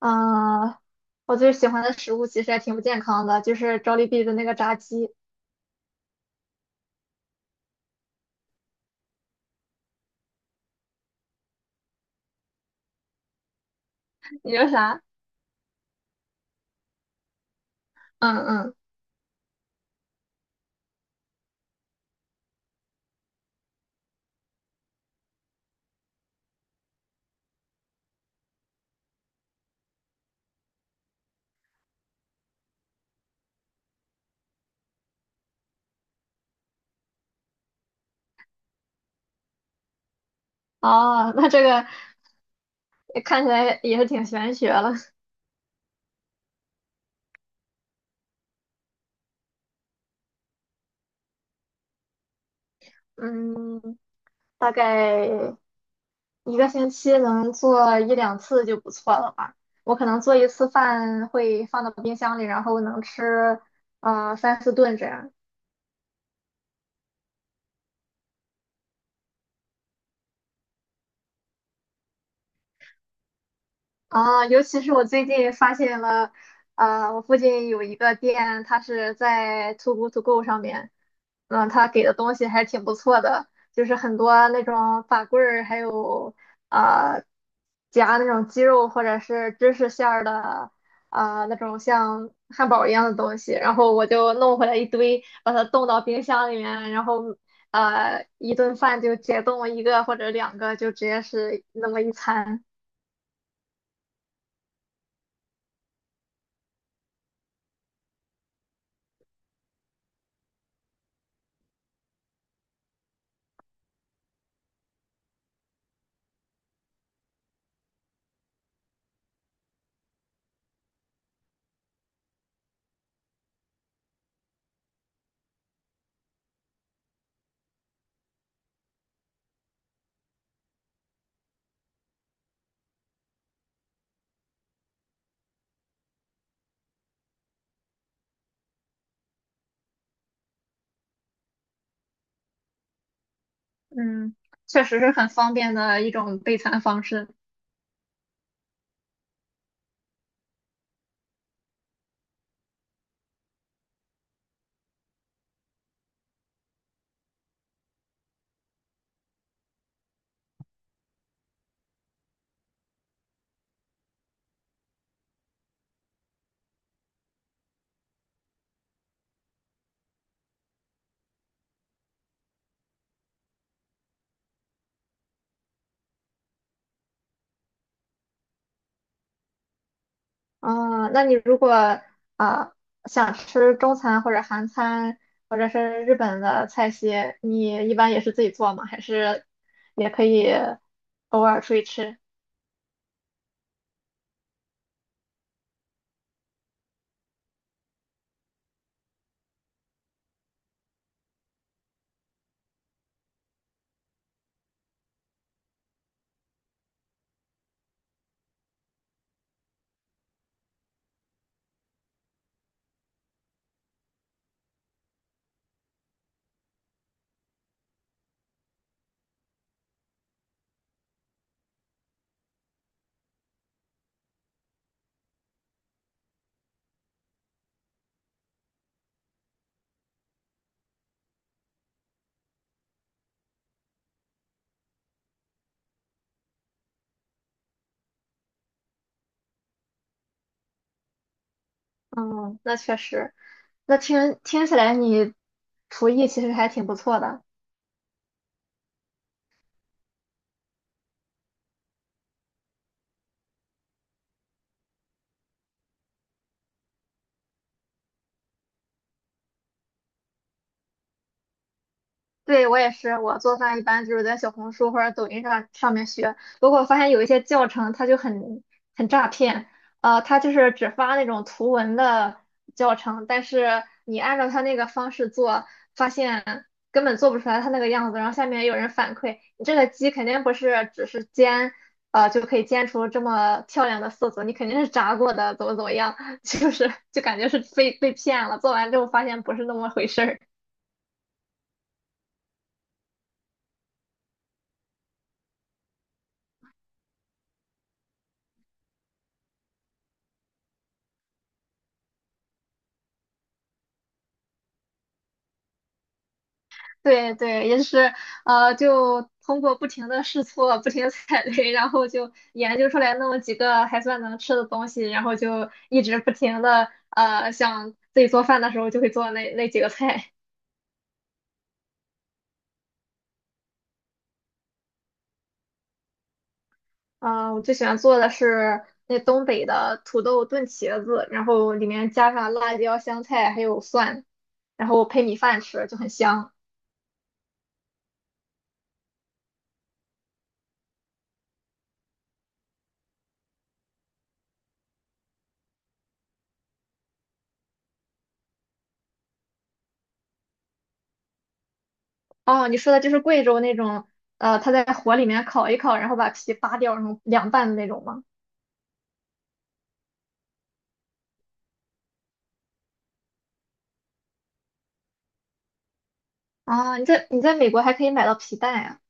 嗯，我最喜欢的食物其实还挺不健康的，就是 j o l 的那个炸鸡。你说啥？嗯嗯，哦，那这个看起来也是挺玄学了。嗯，大概一个星期能做一两次就不错了吧。我可能做一次饭会放到冰箱里，然后能吃三四顿这样。啊，尤其是我最近发现了，我附近有一个店，它是在 Too Good To Go 上面，嗯，它给的东西还挺不错的，就是很多那种法棍儿，还有呃夹那种鸡肉或者是芝士馅儿的，啊、那种像汉堡一样的东西，然后我就弄回来一堆，把它冻到冰箱里面，然后一顿饭就解冻一个或者两个，就直接是那么一餐。嗯，确实是很方便的一种备餐方式。啊，那你如果啊想吃中餐或者韩餐或者是日本的菜系，你一般也是自己做吗？还是也可以偶尔出去吃？嗯，那确实，那听起来你厨艺其实还挺不错的。对，我也是，我做饭一般就是在小红书或者抖音上面学。不过我发现有一些教程它就很诈骗，它就是只发那种图文的教程，但是你按照它那个方式做，发现根本做不出来它那个样子。然后下面有人反馈，你这个鸡肯定不是只是煎，就可以煎出这么漂亮的色泽，你肯定是炸过的，怎么怎么样，就是感觉是被骗了。做完之后发现不是那么回事儿。对对，也是就通过不停的试错、不停的踩雷，然后就研究出来那么几个还算能吃的东西，然后就一直不停的，想自己做饭的时候就会做那几个菜。啊、我最喜欢做的是那东北的土豆炖茄子，然后里面加上辣椒、香菜还有蒜，然后配米饭吃就很香。哦，你说的就是贵州那种，它在火里面烤一烤，然后把皮扒掉，然后凉拌的那种吗？啊，你在美国还可以买到皮蛋呀？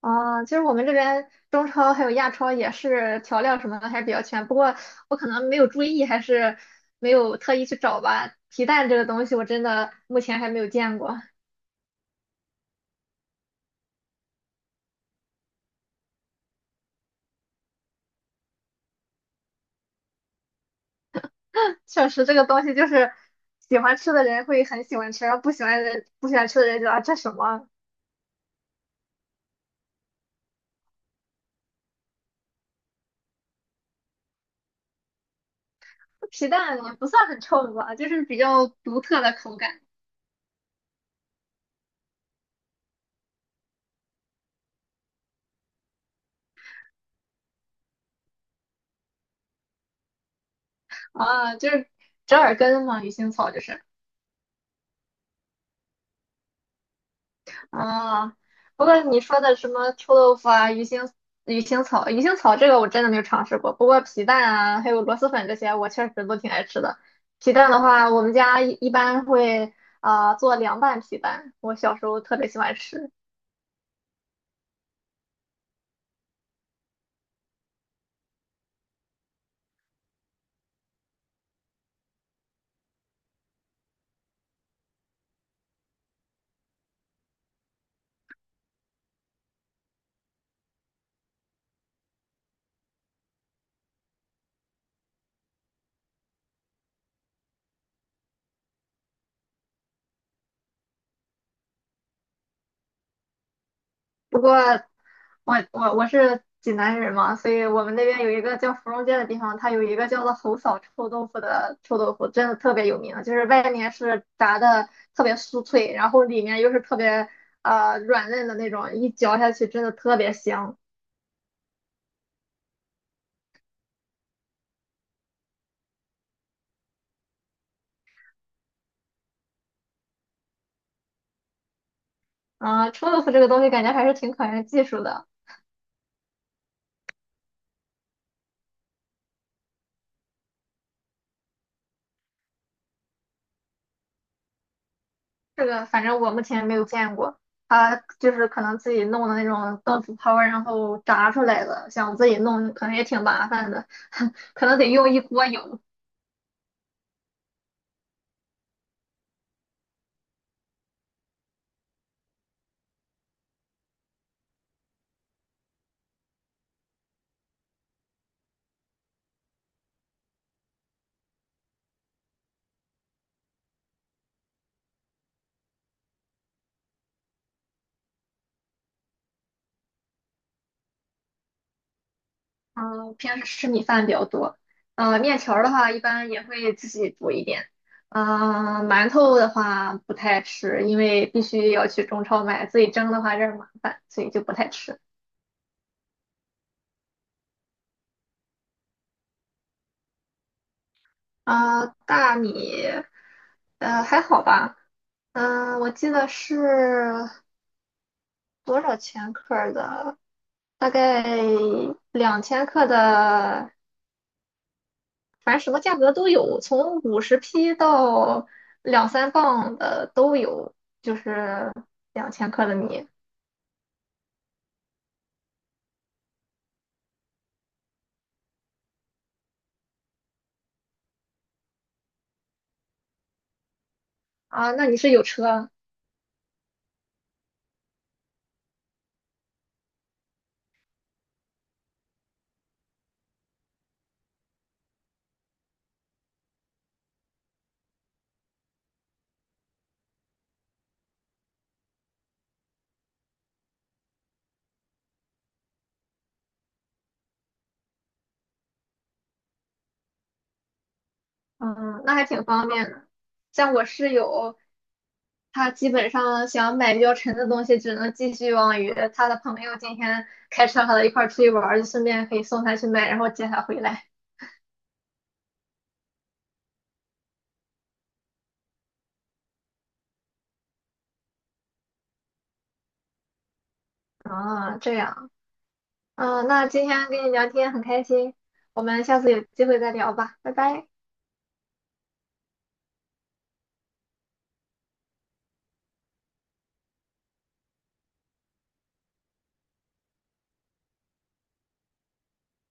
啊。其实我们这边中超还有亚超也是调料什么的还是比较全，不过我可能没有注意，还是没有特意去找吧。皮蛋这个东西我真的目前还没有见过，确实这个东西就是喜欢吃的人会很喜欢吃，然后不喜欢的人不喜欢吃的人就啊这什么。皮蛋也不算很臭吧，就是比较独特的口感。啊，就是折耳根嘛，鱼腥草就是。啊，不过你说的什么臭豆腐啊、鱼腥草、鱼腥草这个我真的没有尝试过，不过皮蛋啊，还有螺蛳粉这些，我确实都挺爱吃的。皮蛋的话，我们家一般会，啊、做凉拌皮蛋，我小时候特别喜欢吃。不过我是济南人嘛，所以我们那边有一个叫芙蓉街的地方，它有一个叫做侯嫂臭豆腐的臭豆腐，真的特别有名。就是外面是炸的特别酥脆，然后里面又是特别软嫩的那种，一嚼下去真的特别香。啊、臭豆腐这个东西感觉还是挺考验技术的，这个反正我目前没有见过。它就是可能自己弄的那种豆腐泡儿然后炸出来的，想自己弄可能也挺麻烦的，可能得用一锅油。嗯，平时吃米饭比较多。嗯，面条儿的话，一般也会自己煮一点。嗯，馒头的话不太吃，因为必须要去中超买，自己蒸的话有点儿麻烦，所以就不太吃。啊、大米，还好吧。我记得是多少千克儿的？大概两千克的反正什么价格都有，从五十匹到两三磅的都有，就是两千克的米。啊。那你是有车，嗯，那还挺方便的。像我室友，他基本上想买比较沉的东西，只能寄希望于他的朋友今天开车和他一块儿出去玩儿，就顺便可以送他去买，然后接他回来。啊，这样，嗯，那今天跟你聊天很开心，我们下次有机会再聊吧，拜拜。